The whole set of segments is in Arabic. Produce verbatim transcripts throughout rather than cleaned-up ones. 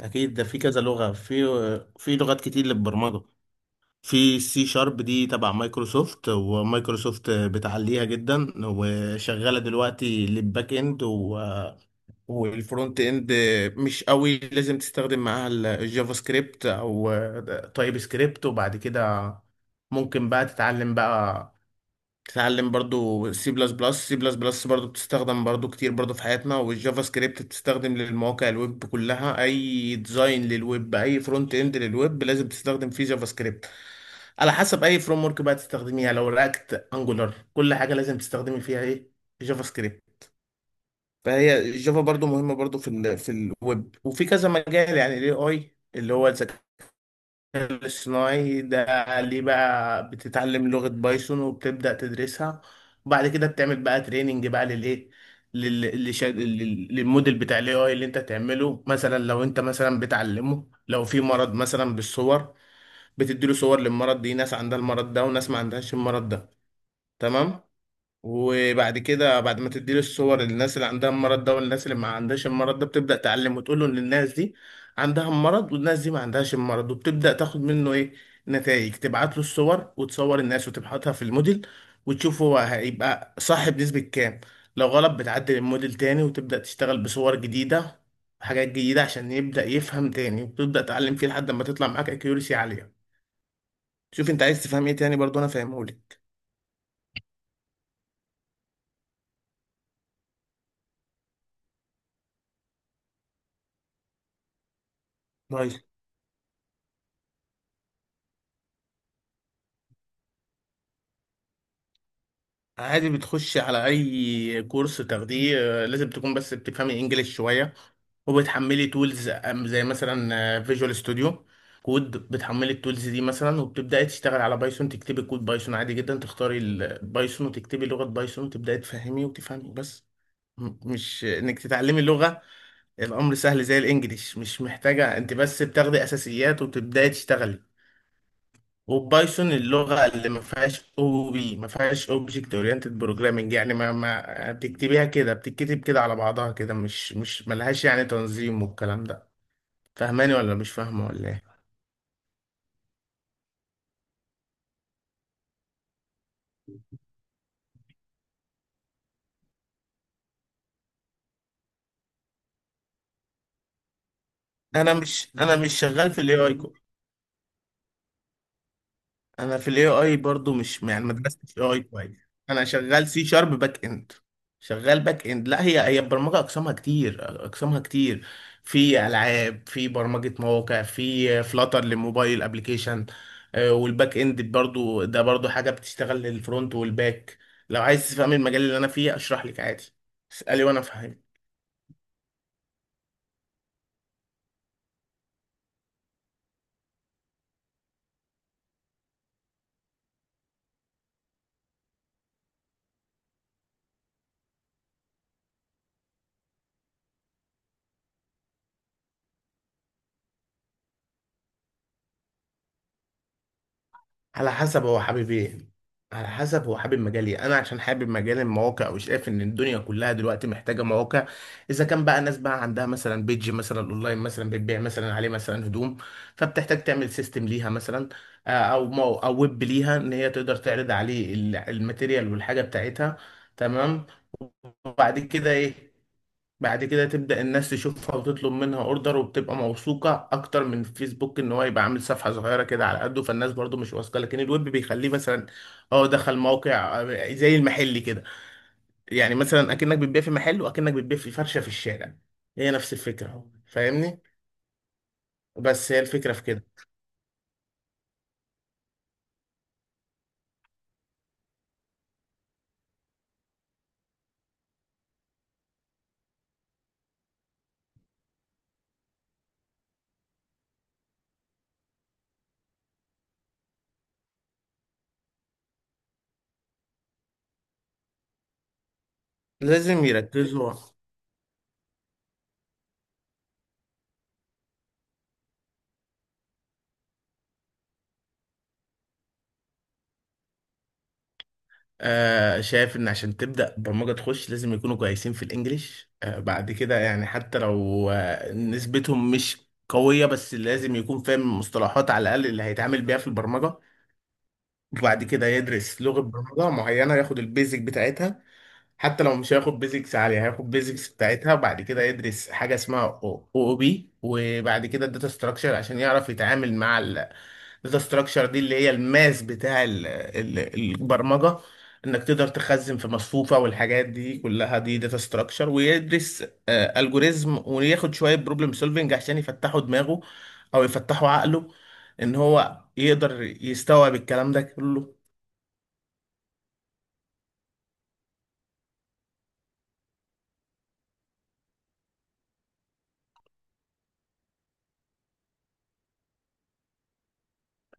اكيد، ده في كذا لغه. في في لغات كتير للبرمجه. في سي شارب دي تبع مايكروسوفت، ومايكروسوفت بتعليها جدا، وشغاله دلوقتي للباك اند و... والفرونت اند. مش قوي لازم تستخدم معاها ال- الجافا سكريبت او تايب سكريبت. وبعد كده ممكن بقى تتعلم بقى. تتعلم برضو سي بلس بلس، سي بلس بلس برضو بتستخدم برضو كتير برضو في حياتنا. والجافا سكريبت بتستخدم للمواقع الويب كلها، اي ديزاين للويب، اي فرونت اند للويب لازم تستخدم فيه جافا سكريبت. على حسب اي فريم ورك بقى تستخدميها، لو رياكت، انجولار، كل حاجه لازم تستخدمي فيها ايه؟ جافا سكريبت. فهي الجافا برضو مهمه برضو في ال في الويب، وفي كذا مجال. يعني الاي اي، اللي هو الذكاء الاصطناعي ده، ليه بقى بتتعلم لغة بايثون وبتبدأ تدرسها؟ وبعد كده بتعمل بقى تريننج بقى للايه، لل... للش- لل- للموديل بتاع الاي اي اللي انت تعمله. مثلا لو انت مثلا بتعلمه، لو في مرض مثلا بالصور، بتديله صور للمرض، دي ناس عندها المرض ده وناس ما عندهاش المرض ده. تمام؟ وبعد كده، بعد ما تديله الصور للناس اللي عندها المرض ده والناس اللي ما عندهاش المرض ده، بتبدأ تعلم وتقول له ان الناس دي عندها المرض والناس دي ما عندهاش المرض. وبتبدأ تاخد منه ايه؟ نتائج. تبعت له الصور وتصور الناس وتبحثها في الموديل، وتشوف هو هيبقى صح بنسبة كام. لو غلط بتعدل الموديل تاني، وتبدأ تشتغل بصور جديدة، حاجات جديدة، عشان يبدأ يفهم تاني. وتبدأ تعلم فيه لحد ما تطلع معاك اكيورسي عالية. شوف انت عايز تفهم ايه تاني برضه، انا فاهمهولك. طيب، عادي، بتخش على اي كورس تاخديه. آه، لازم تكون بس بتفهمي انجليش شويه، وبتحملي تولز زي مثلا فيجوال ستوديو كود. بتحملي التولز دي مثلا، وبتبداي تشتغل على بايثون، تكتبي كود بايثون عادي جدا، تختاري البايثون وتكتبي لغه بايثون، وتبداي تفهمي وتفهمي بس. م- مش انك تتعلمي لغه، الامر سهل زي الانجليش، مش محتاجه، انت بس بتاخدي اساسيات وتبداي تشتغلي. وبايثون اللغة اللي ما فيهاش او بي، ما فيهاش اوبجكت اورينتد بروجرامنج، يعني ما ما بتكتبيها كده، بتتكتب كده على بعضها كده، مش مش ملهاش يعني تنظيم والكلام ده. فاهماني ولا مش فاهمة ولا ايه؟ انا مش انا مش شغال في الاي اي. انا في الاي اي برضو، مش يعني ما درستش اي اي كويس. انا شغال سي شارب باك اند، شغال باك اند. لا، هي هي البرمجه اقسامها كتير، اقسامها كتير. في العاب، في برمجه مواقع، في فلاتر للموبايل ابلكيشن، والباك اند برضو ده برضو حاجه بتشتغل للفرونت والباك. لو عايز تفهم المجال اللي انا فيه اشرح لك عادي، اسالي وانا افهمك. على حسب هو حابب ايه، على حسب هو حابب مجال ايه. انا عشان حابب مجال المواقع وشايف ان الدنيا كلها دلوقتي محتاجه مواقع. اذا كان بقى ناس بقى عندها مثلا بيج مثلا اونلاين، مثلا بتبيع مثلا عليه مثلا هدوم، فبتحتاج تعمل سيستم ليها مثلا، آه، او مو- او ويب ليها، ان هي تقدر تعرض عليه ال- الماتيريال والحاجه بتاعتها. تمام. وبعد كده ايه؟ بعد كده تبدأ الناس تشوفها وتطلب منها اوردر، وبتبقى موثوقة اكتر من فيسبوك، ان هو يبقى عامل صفحة صغيرة كده على قده، فالناس برضو مش واثقة. لكن الويب بيخليه مثلا اه دخل موقع، آه، زي المحل كده. يعني مثلا اكنك بتبيع في محل، واكنك بتبيع في فرشة في الشارع، هي نفس الفكرة. فاهمني؟ بس هي الفكرة في كده. لازم يركزوا. آه شايف ان عشان تبدأ برمجة تخش لازم يكونوا كويسين في الانجليش، آه بعد كده، يعني حتى لو آه نسبتهم مش قوية، بس لازم يكون فاهم المصطلحات على الأقل اللي هيتعامل بيها في البرمجة. وبعد كده يدرس لغة برمجة معينة، ياخد البيزك بتاعتها، حتى لو مش هياخد بيزكس عالية هياخد بيزكس بتاعتها. وبعد كده يدرس حاجة اسمها او او بي، وبعد كده الداتا ستراكشر، عشان يعرف يتعامل مع الداتا ستراكشر دي اللي هي الماس بتاع ال- ال- البرمجة. انك تقدر تخزن في مصفوفة والحاجات دي كلها دي داتا ستراكشر. ويدرس الجوريزم، وياخد شوية بروبلم سولفنج، عشان يفتحوا دماغه او يفتحوا عقله، ان هو يقدر يستوعب الكلام ده كله.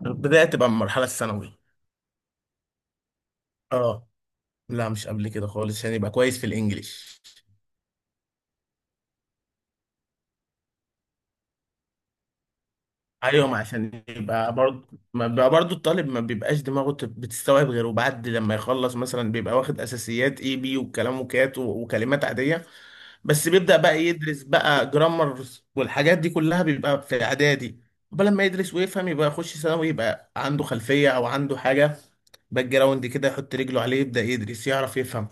البداية تبقى من المرحلة الثانوية. اه، لا، مش قبل كده خالص، عشان يبقى كويس في الانجليش. ايوه، ما عشان يبقى برضه، ما بيبقى برضه الطالب ما بيبقاش دماغه ت- بتستوعب غيره. بعد لما يخلص مثلا بيبقى واخد اساسيات اي بي والكلام وكات و- وكلمات عاديه. بس بيبدأ بقى يدرس بقى جرامر والحاجات دي كلها، بيبقى في اعدادي. قبل لما يدرس ويفهم، يبقى يخش ثانوي يبقى عنده خلفيه او عنده حاجه باك جراوند كده يحط رجله عليه، يبدأ يدرس يعرف يفهم.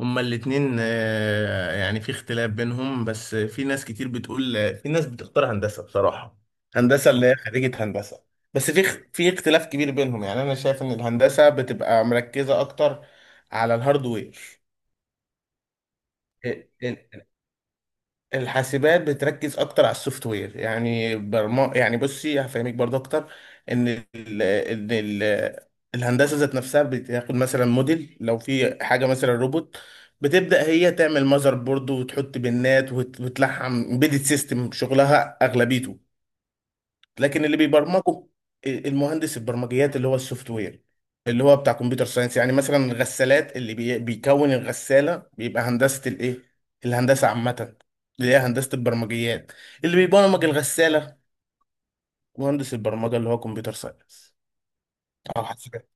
هما الاتنين آه، يعني في اختلاف بينهم، بس في ناس كتير بتقول، في ناس بتختار هندسة بصراحة، هندسة اللي هي خريجة هندسة. بس في اخ- في اختلاف كبير بينهم. يعني أنا شايف إن الهندسة بتبقى مركزة أكتر على الهاردوير. الحاسبات بتركز اكتر على السوفت وير. يعني برما يعني بصي هفهمك برضه اكتر، ان ال... ان ال... الهندسه ذات نفسها بتاخد مثلا موديل، لو في حاجه مثلا روبوت، بتبدا هي تعمل ماذر بورد وتحط بنات وت... وتلحم امبيدد سيستم، شغلها اغلبيته. لكن اللي بيبرمجوا المهندس البرمجيات اللي هو السوفت وير، اللي هو بتاع كمبيوتر ساينس، يعني مثلا الغسالات اللي بي- بيكون الغسالة بيبقى هندسة الايه، الهندسة عامة، اللي هي هندسة البرمجيات، اللي بيبرمج الغسالة مهندس البرمجة، اللي هو كمبيوتر ساينس. اه، حسابات.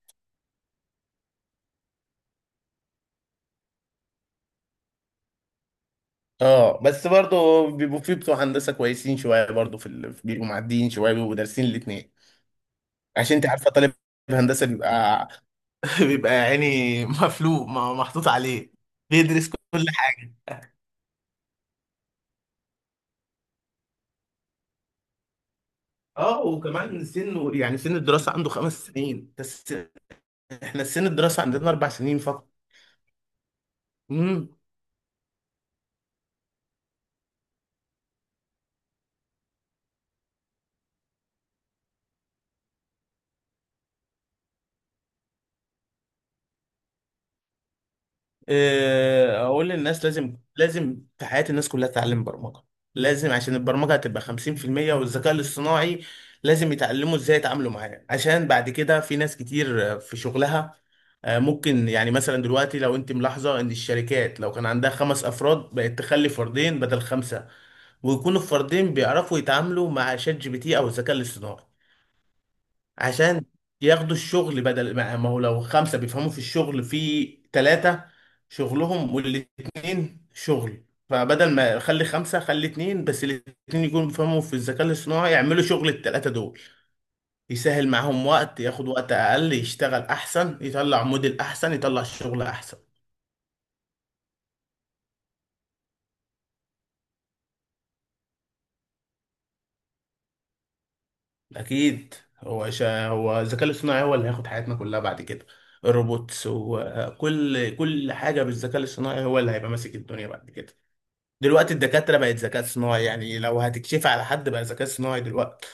اه، بس برضه بيبقوا في بتوع هندسة كويسين شوية برضه في ال... بيبقوا معديين شوية، بيبقوا دارسين الاتنين. عشان انت عارفة، طالب هندسة بيبقى بيبقى يعني مفلوق، ما- محطوط عليه. بيدرس كل. اه، وكمان سن، يعني سن الدراسة عنده خمس سنين بس، احنا سن الدراسة عندنا اربع سنين فقط. امم آه، اقول للناس، لازم لازم في حياة الناس كلها تتعلم برمجة. لازم، عشان البرمجة هتبقى خمسين في المية والذكاء الاصطناعي. لازم يتعلموا ازاي يتعاملوا معاه، عشان بعد كده في ناس كتير آه، في شغلها، آه، ممكن، يعني مثلا دلوقتي، لو انت ملاحظة ان الشركات لو كان عندها خمس افراد بقت تخلي فردين بدل خمسة. ويكونوا الفردين بيعرفوا يتعاملوا مع شات جي بي تي او الذكاء الاصطناعي، عشان ياخدوا الشغل، بدل ما ما هو لو خمسة بيفهموا في الشغل، في ثلاثة شغلهم والاتنين شغل، فبدل ما خلي خمسة خلي اتنين بس الاتنين يكونوا بيفهموا في الذكاء الاصطناعي، يعملوا شغل التلاتة دول، يسهل معاهم وقت، ياخد وقت أقل، يشتغل أحسن، يطلع موديل أحسن، يطلع شغل أحسن. أكيد. هو شا... هو الذكاء الاصطناعي هو اللي هياخد حياتنا كلها بعد كده. الروبوتس وكل كل حاجة بالذكاء الاصطناعي هو اللي هيبقى ماسك الدنيا بعد كده. دلوقتي الدكاترة بقت ذكاء صناعي، يعني لو هتكشفي على حد بقى ذكاء صناعي دلوقتي،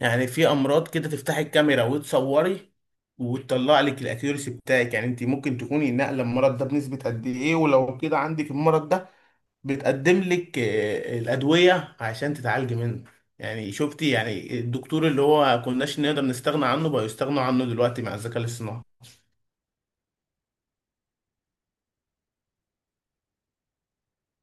يعني في أمراض كده تفتحي الكاميرا وتصوري وتطلع لك الأكيورسي بتاعك، يعني أنت ممكن تكوني ناقلة المرض ده بنسبة قد إيه، ولو كده عندك المرض ده، بتقدم لك آه، الأدوية عشان تتعالجي منه. يعني شفتي، يعني الدكتور اللي هو كناش نقدر نستغنى عنه بقى يستغنى عنه دلوقتي مع الذكاء الاصطناعي.